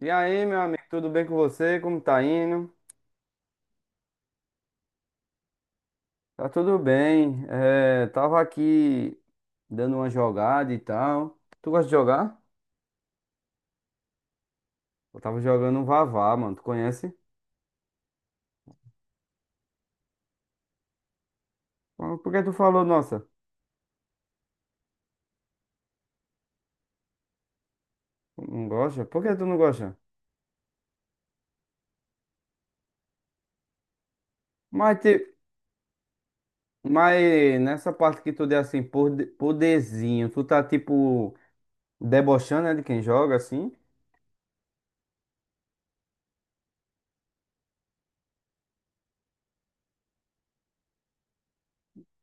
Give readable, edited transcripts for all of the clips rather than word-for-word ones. E aí, meu amigo, tudo bem com você? Como tá indo? Tá tudo bem. É, tava aqui dando uma jogada e tal. Tu gosta de jogar? Eu tava jogando um Vavá, mano. Tu conhece? Por que tu falou, nossa, não gosta? Por que tu não gosta? Mas, te- mas nessa parte que tu deu assim, poderzinho, tu tá tipo debochando, né, de quem joga assim?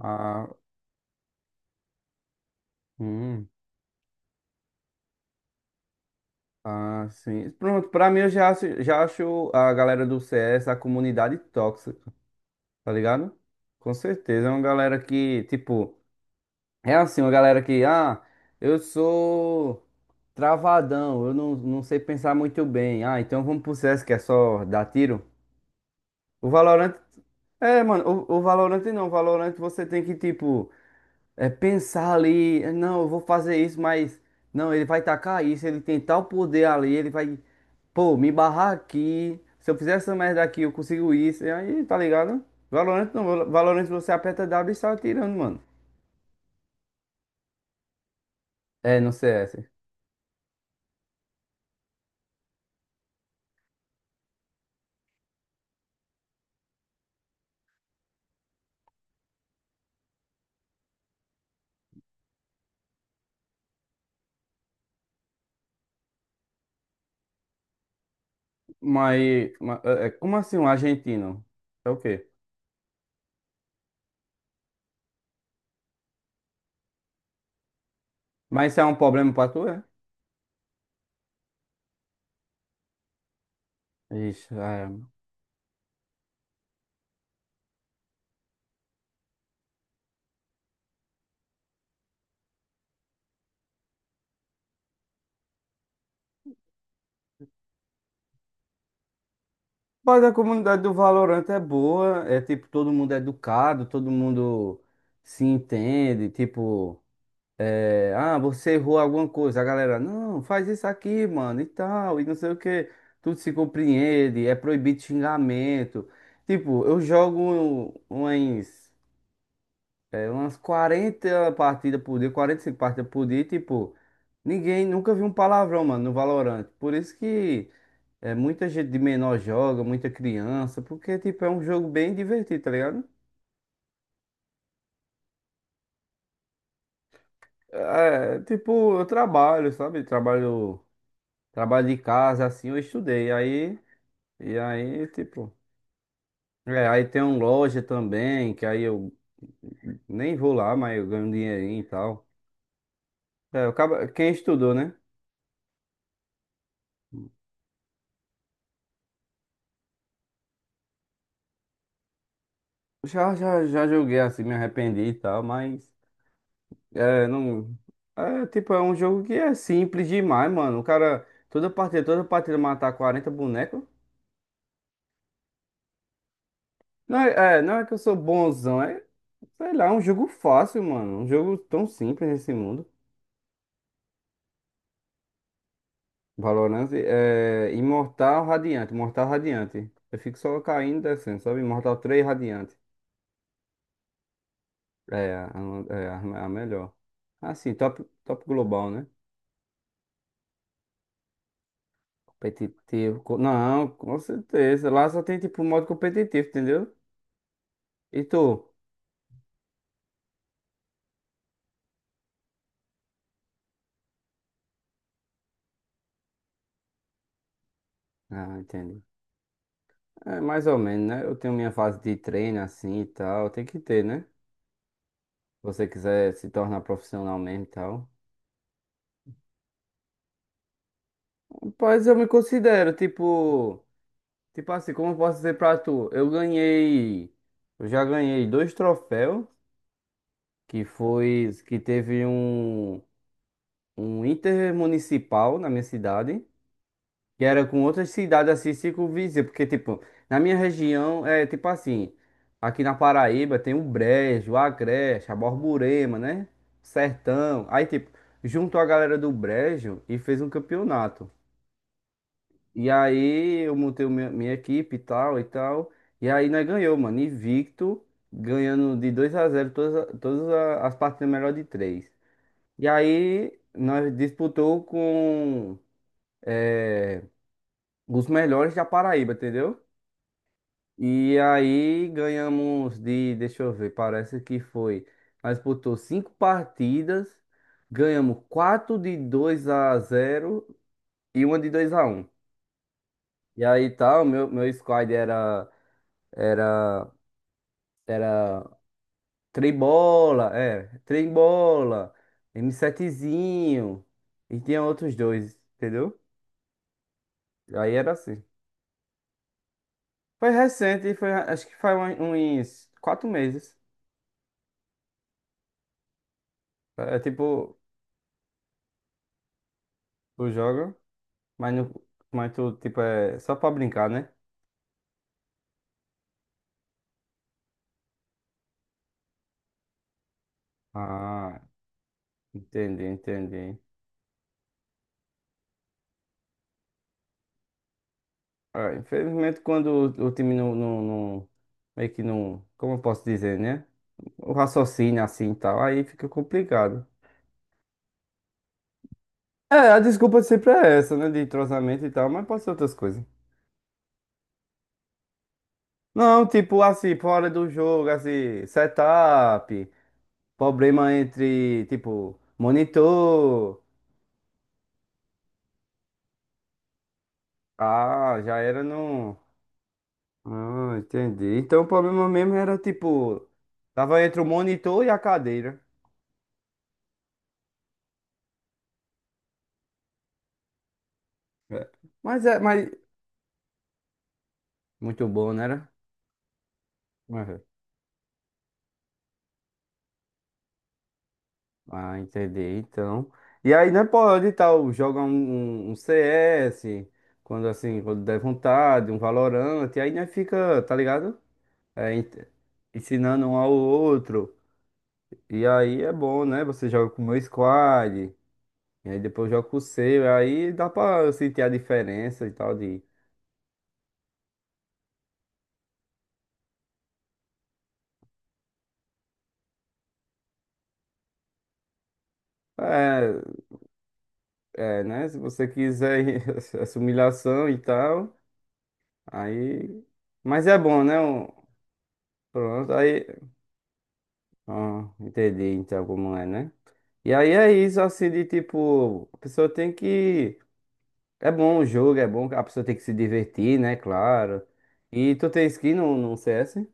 Ah, hum. Ah, sim. Pronto, pra mim eu já acho, a galera do CS, a comunidade tóxica. Tá ligado? Com certeza. É uma galera que, tipo, é assim, uma galera que, eu sou travadão, eu não sei pensar muito bem. Ah, então vamos pro CS que é só dar tiro. O Valorant. É, mano, o Valorant não. O Valorant você tem que, tipo. É pensar ali, não, eu vou fazer isso, mas não, ele vai tacar isso, ele tem tal poder ali, ele vai, pô, me barrar aqui. Se eu fizer essa merda aqui, eu consigo isso. E aí, tá ligado? Valorant não, Valorant você aperta W e sai atirando, mano. É, no CS. É, como assim um argentino? É o quê? Mas isso é um problema pra tu, é? Ixi, é. Mas a comunidade do Valorant é boa, é tipo, todo mundo é educado, todo mundo se entende, tipo. É, você errou alguma coisa, a galera, não, faz isso aqui, mano, e tal, e não sei o que, tudo se compreende, é proibido xingamento. Tipo, eu jogo umas, umas 40 partidas por dia, 45 partidas por dia, e, tipo, ninguém nunca viu um palavrão, mano, no Valorant. Por isso que é, muita gente de menor joga, muita criança, porque, tipo, é um jogo bem divertido, tá ligado? É, tipo, eu trabalho, sabe? Trabalho. Trabalho de casa, assim, eu estudei. Aí, e aí, tipo. É, aí tem uma loja também, que aí eu nem vou lá, mas eu ganho um dinheirinho e tal. É, quem estudou, né? Já joguei assim, me arrependi e tal, mas. É, não. É, tipo, é um jogo que é simples demais, mano. O cara, toda partida matar 40 bonecos. Não é que eu sou bonzão, é, sei lá, é um jogo fácil, mano. Um jogo tão simples nesse mundo. Valorant é Imortal Radiante, Imortal Radiante. Eu fico só caindo e descendo, sabe? Imortal 3 Radiante. É a melhor. Assim, top, top global, né? Competitivo. Não, com certeza. Lá só tem tipo modo competitivo, entendeu? E tu? Ah, entendi. É mais ou menos, né? Eu tenho minha fase de treino assim e tal. Tem que ter, né? Se você quiser se tornar profissional mesmo e tal. Rapaz, eu me considero, tipo. Tipo assim, como eu posso dizer pra tu? Eu ganhei. Eu já ganhei dois troféus. Que foi. Que teve um. Um intermunicipal na minha cidade. Que era com outras cidades assim, circunvizinhas. Porque, tipo, na minha região é tipo assim. Aqui na Paraíba tem o Brejo, o Agreste, a Borborema, né? Sertão. Aí, tipo, juntou a galera do Brejo e fez um campeonato. E aí eu montei minha equipe e tal e tal. E aí nós ganhou, mano. Invicto, ganhando de 2-0 todas as partidas melhor de três. E aí nós disputou com eh, os melhores da Paraíba, entendeu? E aí ganhamos de, deixa eu ver, parece que foi. Nós disputou cinco partidas, ganhamos quatro de 2-0 e uma de 2-1. E aí tal, meu squad era. Era, era Trembola, é, Trembola, m 7 e tinha outros dois, entendeu? Aí era assim. Foi recente, foi, acho que foi uns 4 meses. É tipo, tu joga, mas, não, mas tu, tipo, é só pra brincar, né? Ah, entendi, entendi. É, infelizmente, quando o time não, não meio que não, como eu posso dizer, né? O raciocínio assim e tal, aí fica complicado. É, a desculpa sempre é essa, né? De entrosamento e tal, mas pode ser outras coisas. Não, tipo assim, fora do jogo, assim, setup, problema entre, tipo, monitor. Ah, já era no. Ah, entendi. Então o problema mesmo era, tipo, tava entre o monitor e a cadeira. É. Mas é, mas. Muito bom, né? Era? Ah, entendi. Então. E aí, né, pode e tal, joga um, um CS, quando assim, quando der vontade, um Valorant, e aí, né, fica, tá ligado? É, ensinando um ao outro. E aí é bom, né? Você joga com o meu squad, e aí depois joga com o seu, e aí dá pra eu sentir a diferença e tal de. É, é, né? Se você quiser essa humilhação e tal, aí. Mas é bom, né? Pronto, aí. Ah, entendi então como é, né? E aí é isso, assim, de tipo, a pessoa tem que. É bom o jogo, é bom, que a pessoa tem que se divertir, né? Claro. E tu tem skin no, CS?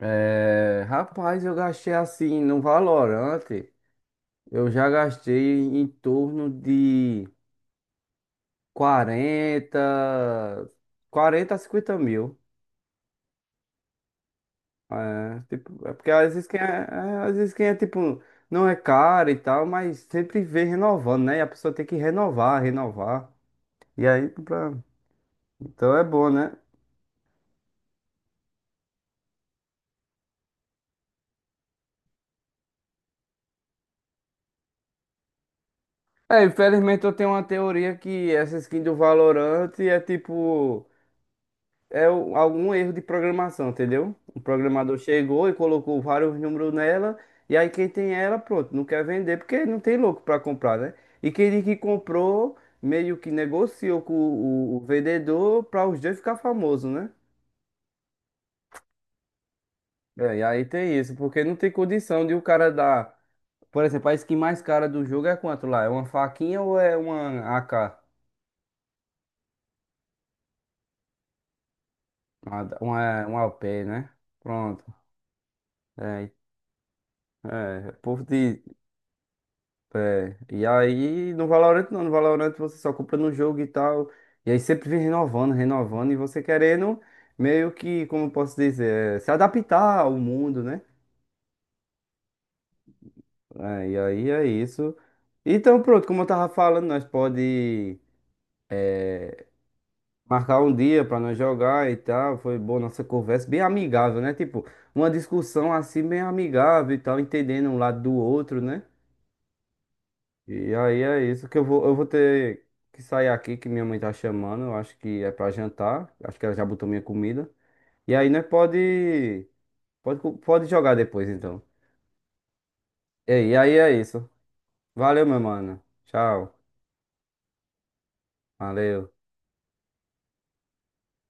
É, rapaz, eu gastei assim no valorante. Eu já gastei em torno de 40 40 a 50 mil. É, tipo, é porque às vezes quem é, às vezes quem é tipo, não é caro e tal, mas sempre vem renovando, né? E a pessoa tem que renovar, renovar. E aí, pra... então é bom, né? É, infelizmente eu tenho uma teoria que essa skin do Valorant é tipo. É algum erro de programação, entendeu? O programador chegou e colocou vários números nela, e aí quem tem ela, pronto, não quer vender porque não tem louco para comprar, né? E quem diz que comprou, meio que negociou com o vendedor para os dois ficar famoso, né? É, e aí tem isso, porque não tem condição de o cara dar. Por exemplo, a skin mais cara do jogo é quanto lá? É uma faquinha ou é uma AK? Uma OP, né? Pronto. É, é, o povo diz. É, e aí no Valorant não, no Valorant você só compra no jogo e tal, e aí sempre vem renovando, renovando, e você querendo meio que, como eu posso dizer, é, se adaptar ao mundo, né? É, e aí é isso. Então pronto, como eu tava falando, nós pode marcar um dia pra nós jogar e tal, foi boa nossa conversa, bem amigável, né? Tipo, uma discussão assim bem amigável e tal, entendendo um lado do outro, né? E aí é isso que eu vou ter que sair aqui, que minha mãe tá chamando, eu acho que é pra jantar, acho que ela já botou minha comida. E aí, né, pode jogar depois, então. E aí é isso. Valeu, meu mano. Tchau. Valeu.